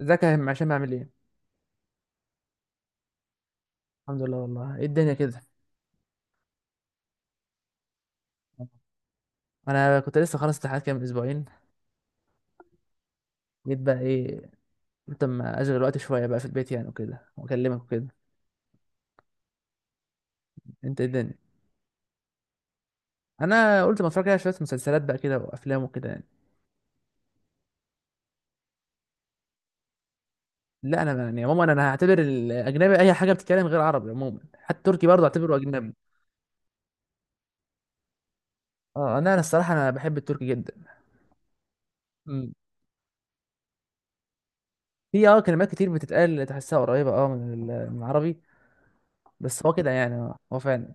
ازيك يا هشام عشان اعمل ايه؟ الحمد لله والله. ايه الدنيا كده؟ انا كنت لسه خلاص امتحانات كام اسبوعين. جيت بقى ايه، قلت اما اشغل وقت شويه بقى في البيت يعني وكده واكلمك وكده. انت ايه الدنيا؟ انا قلت ما اتفرج على شويه مسلسلات بقى كده وافلام وكده يعني. لا انا يعني عموما انا هعتبر الاجنبي اي حاجه بتتكلم غير عربي عموما، حتى التركي برضه اعتبره اجنبي. اه انا الصراحه انا بحب التركي جدا. مم. في اه كلمات كتير بتتقال تحسها قريبه اه من العربي. بس هو كده يعني هو فعلا.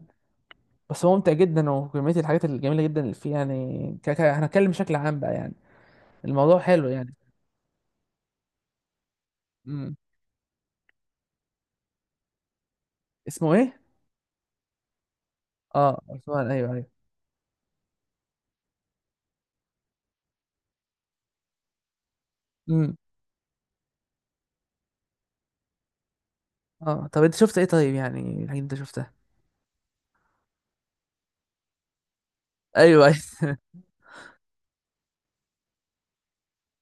بس هو ممتع جدا وكمية الحاجات الجميلة جدا اللي فيه يعني هنتكلم بشكل عام بقى يعني. الموضوع حلو يعني. امم، اسمه ايه؟ اه عثمان، ايوه ايوه. امم. اه طب انت شفت ايه طيب، يعني الحاجات اللي انت شفتها؟ ايوه ايوه.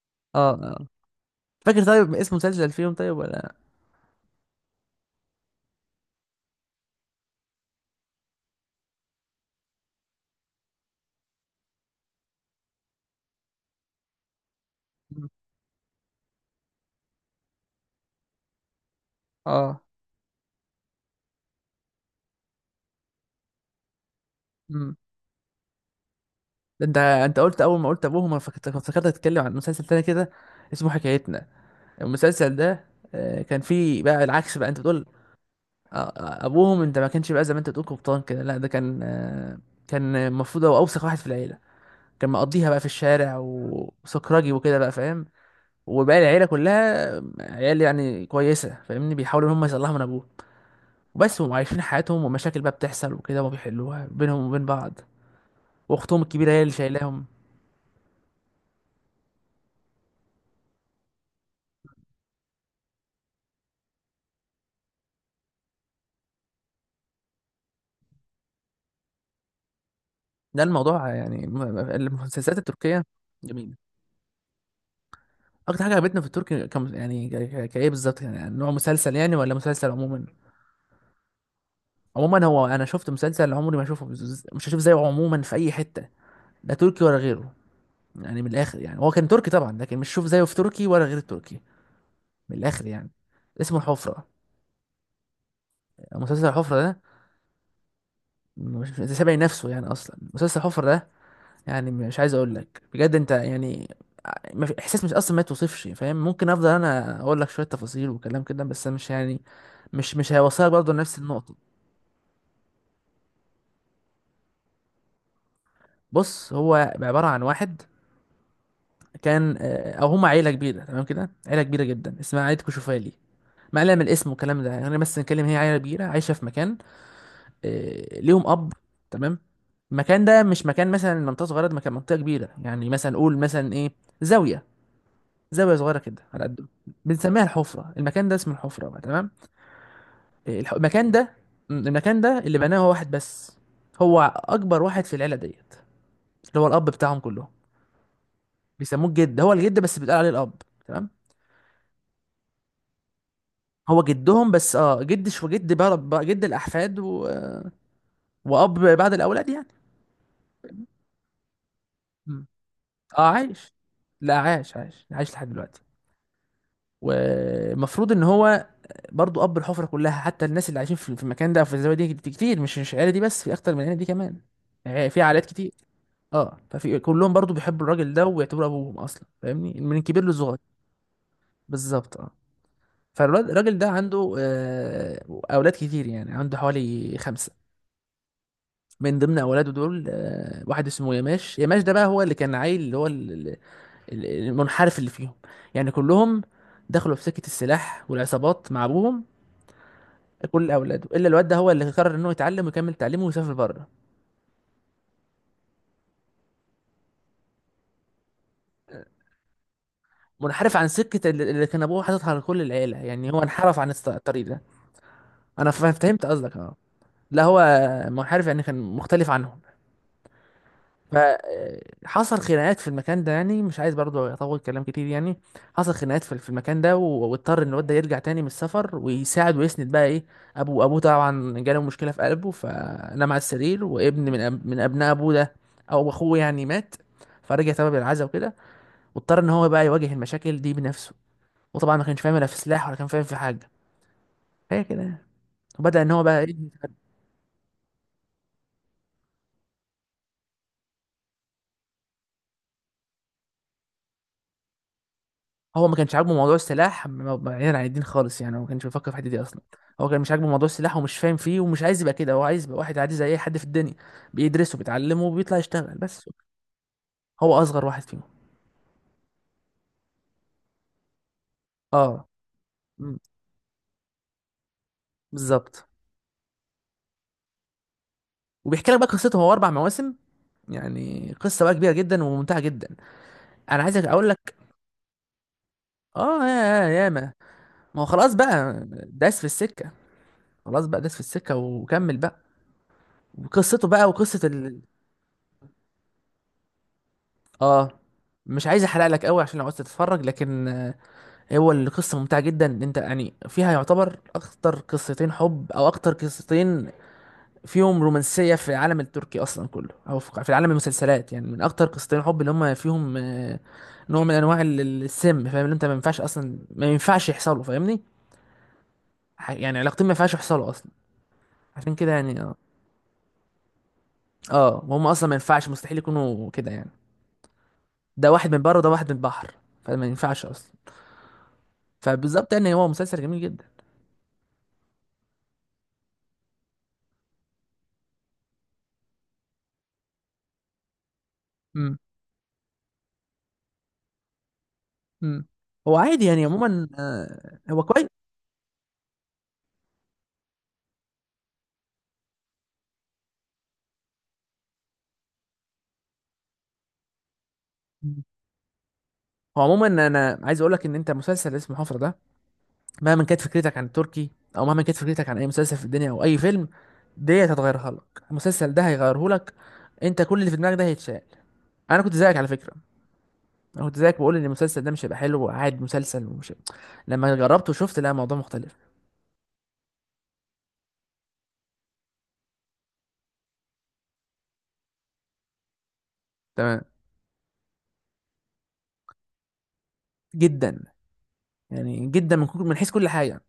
اه اه. فاكر طيب اسم مسلسل فيهم طيب ولا؟ مم. اه. امم. ده انت قلت اول ما قلت ابوهم، انا فكرت كنت فكرت هتتكلم عن مسلسل تاني كده اسمه حكايتنا. المسلسل ده كان فيه بقى العكس بقى انت بتقول. ابوهم انت ما كانش بقى زي ما انت بتقول قبطان كده، لا ده كان كان المفروض هو اوسخ واحد في العيله. كان مقضيها بقى في الشارع وسكراجي وكده بقى فاهم. وباقي العيله كلها عيال يعني كويسه فاهمني، بيحاولوا ان هم يصلحوا من ابوه. وبس هم عايشين حياتهم ومشاكل بقى بتحصل وكده، وما بيحلوها بينهم وبين بعض. واختهم الكبيره هي اللي شايلاهم. ده الموضوع يعني المسلسلات التركيه. جميله. اكتر حاجه عجبتنا في التركي كم يعني كايه بالظبط؟ يعني نوع مسلسل يعني ولا مسلسل عموما؟ عموما هو انا شفت مسلسل عمري ما اشوفه مش هشوف زيه عموما في اي حته، لا تركي ولا غيره. يعني من الاخر يعني هو كان تركي طبعا، لكن مش شوف زيه في تركي ولا غير التركي. من الاخر يعني. اسمه الحفره. مسلسل الحفره ده مش سابع نفسه يعني اصلا مسلسل الحفره ده. يعني مش عايز اقول لك بجد انت يعني ما في- احساس مش اصلا ما توصفش فاهم، ممكن افضل انا اقول لك شويه تفاصيل وكلام كده بس أنا مش يعني مش هيوصلك برضه لنفس النقطه. بص هو عباره عن واحد كان او هم عيله كبيره تمام كده، عيله كبيره جدا اسمها عيله كشوفالي. ما قلنا من الاسم والكلام ده يعني، بس نتكلم هي عيله كبيره عايشه في مكان. ليهم اب. تمام. المكان ده مش مكان مثلا منطقه صغيره، ده مكان منطقه كبيره يعني، مثلا قول مثلا ايه، زاويه، زاويه صغيره كده على قد بنسميها الحفره. المكان ده اسمه الحفره بقى تمام. المكان ده المكان ده اللي بناه هو واحد بس، هو اكبر واحد في العيله ديت، اللي هو الاب بتاعهم كلهم. بيسموه الجد، هو الجد بس بيتقال عليه الاب. تمام. هو جدهم بس اه جد شو جد بقى بقى جد الاحفاد واب بعد الاولاد يعني. م. اه عايش. لا عايش عايش عايش لحد دلوقتي. والمفروض ان هو برضو اب الحفره كلها، حتى الناس اللي عايشين في المكان ده او في الزاويه دي كتير، مش مش العيله دي بس، في اكتر من العيله دي كمان. يعني في عائلات كتير. اه ففي كلهم برضو بيحبوا الراجل ده ويعتبروا ابوهم اصلا فاهمني، من الكبير للصغير. بالظبط اه. فالراجل ده عنده اولاد كتير يعني، عنده حوالي خمسه. من ضمن اولاده دول واحد اسمه يماش، يماش ده بقى هو اللي كان عيل اللي هو المنحرف اللي فيهم. يعني كلهم دخلوا في سكة السلاح والعصابات مع ابوهم. كل اولاده الا الواد ده، هو اللي قرر انه يتعلم ويكمل تعليمه ويسافر بره. منحرف عن سكة اللي كان ابوه حاططها لكل العيلة، يعني هو انحرف عن الطريق ده. انا فهمت قصدك اه. لا هو منحرف يعني كان مختلف عنهم. فحصل خناقات في المكان ده، يعني مش عايز برضه اطول كلام كتير يعني. حصل خناقات في المكان ده واضطر ان الواد ده يرجع تاني من السفر ويساعد ويسند بقى ايه ابوه. ابوه طبعا جاله مشكله في قلبه فنام على السرير، وابن من ابناء ابوه ده او اخوه يعني مات. فرجع تبع بالعزا وكده، واضطر ان هو بقى يواجه المشاكل دي بنفسه. وطبعا ما كانش فاهم لا في سلاح ولا كان فاهم في حاجه. هي كده يعني. وبدا ان هو بقى ايه. هو ما كانش عاجبه موضوع السلاح بعيدا عن الدين خالص يعني، هو ما كانش بيفكر في الحته دي اصلا. هو كان مش عاجبه موضوع السلاح ومش فاهم فيه ومش عايز يبقى كده، هو عايز يبقى واحد عادي زي اي حد في الدنيا، بيدرسه بيتعلمه وبيطلع يشتغل بس. هو اصغر واحد فيهم. اه. مم، بالظبط. وبيحكي لك بقى قصته، هو اربع مواسم، يعني قصه بقى كبيره جدا وممتعه جدا. انا عايزك اقول لك اه يا يا ياما، ما هو خلاص بقى داس في السكه، خلاص بقى داس في السكه وكمل بقى. وقصته بقى وقصه اه مش عايز احرق لك قوي عشان لو عايز تتفرج، لكن هو القصة ممتعة جدا، إن انت يعني فيها يعتبر اكتر قصتين حب، او اكتر قصتين فيهم رومانسية في العالم التركي اصلا كله، او في عالم المسلسلات يعني. من اكتر قصتين حب اللي هم فيهم نوع من انواع السم فاهم، اللي انت ما ينفعش اصلا ما ينفعش يحصلوا فاهمني. يعني علاقتين ما ينفعش يحصلوا اصلا. عشان كده يعني اه. اه وهم اصلا ما ينفعش مستحيل يكونوا كده يعني. ده واحد من بره وده واحد من البحر، فما ينفعش اصلا. فبالظبط يعني هو مسلسل جميل جدا. مم. هو عادي يعني عموما، هو كويس. مم. هو عموما انا عايز اقول لك ان انت مسلسل اسمه حفرة ده، مهما كانت فكرتك عن التركي، او مهما كانت فكرتك عن اي مسلسل في الدنيا او اي فيلم، دي هتتغيرها لك، المسلسل ده هيغيره لك. انت كل اللي في دماغك ده هيتشال. انا كنت زيك على فكرة. انا كنت زيك بقول ان المسلسل ده مش هيبقى حلو وقاعد مسلسل ومش. لما جربته وشفت لا الموضوع مختلف. تمام جدا، يعني جدا من من حيث كل حاجة.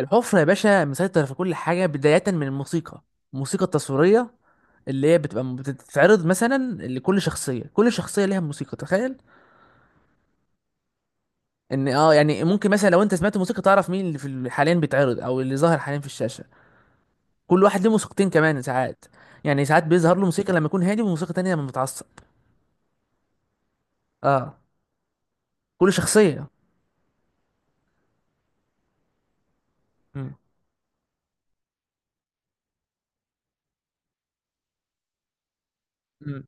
الحفرة يا باشا مسيطر في كل حاجة، بداية من الموسيقى. الموسيقى التصويرية اللي هي بتبقى بتتعرض مثلا لكل شخصيه، كل شخصيه ليها موسيقى تخيل. ان اه يعني ممكن مثلا لو انت سمعت موسيقى تعرف مين اللي في حاليا بيتعرض او اللي ظاهر حاليا في الشاشه. كل واحد له موسيقتين كمان ساعات، يعني ساعات بيظهر له موسيقى لما يكون هادي وموسيقى تانية لما بيتعصب. اه كل شخصيه. مم. مم.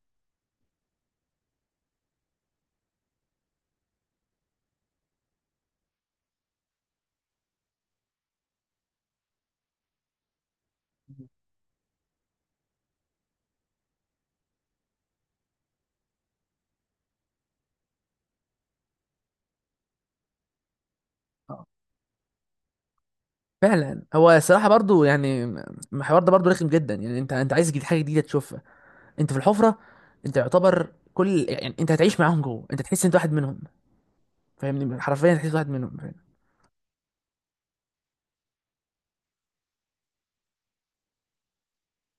آه. فعلا هو صراحة برضو يعني الحوار ده برضو رخم جدا، يعني انت عايز جديد حاجة جديدة تشوفها. انت في الحفرة، انت يعتبر كل يعني انت هتعيش معاهم جوه، انت تحس انت واحد منهم، فاهمني حرفيا تحس واحد منهم.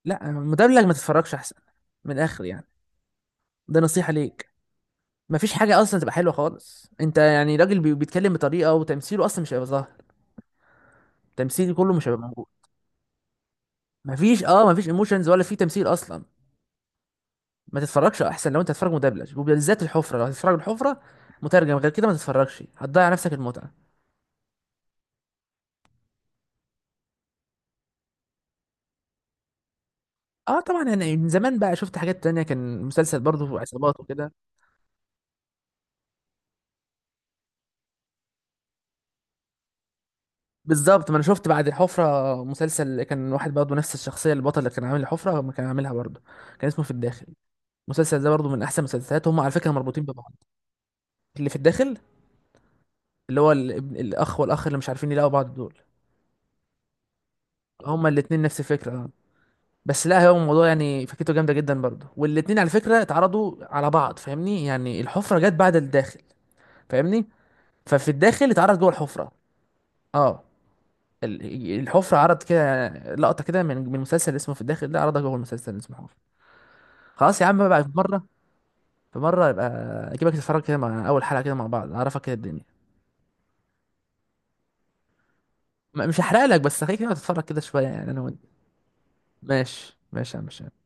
لا مدبلج ما تتفرجش احسن، من الاخر يعني، ده نصيحة ليك. مفيش حاجة اصلا تبقى حلوة خالص، انت يعني راجل بيتكلم بطريقة وتمثيله اصلا مش هيبقى ظاهر. التمثيل كله مش هيبقى موجود. مفيش اه مفيش ايموشنز ولا في تمثيل اصلا. ما تتفرجش احسن لو انت هتتفرج مدبلج، وبالذات الحفرة لو هتتفرج الحفرة مترجم، غير كده ما تتفرجش هتضيع نفسك المتعة. اه طبعا انا من زمان بقى شفت حاجات تانية، كان مسلسل برضه عصابات وكده. بالظبط، ما انا شفت بعد الحفرة مسلسل كان واحد برضه نفس الشخصية البطل اللي كان عامل الحفرة ما كان عاملها برضه. كان اسمه في الداخل. المسلسل ده برضو من احسن المسلسلات، هم على فكره مربوطين ببعض. اللي في الداخل اللي هو الابن الاخ والاخ اللي مش عارفين يلاقوا بعض دول. هما الاتنين نفس الفكره اه. بس لا هو الموضوع يعني فكرته جامده جدا برضو، والاتنين على فكره اتعرضوا على بعض فاهمني، يعني الحفره جت بعد الداخل فاهمني. ففي الداخل اتعرض جوه الحفره. اه. ال- الحفره عرض كده لقطه كده من مسلسل اسمه في الداخل ده، عرضها جوه المسلسل اللي اسمه حفره. خلاص يا عم بقى، في مره، في مره يبقى اجيبك تتفرج كده مع اول حلقه كده مع بعض اعرفك كده الدنيا. مش هحرق لك بس خليك كده تتفرج كده شويه يعني انا وانت. ماشي ماشي يا عم هشام.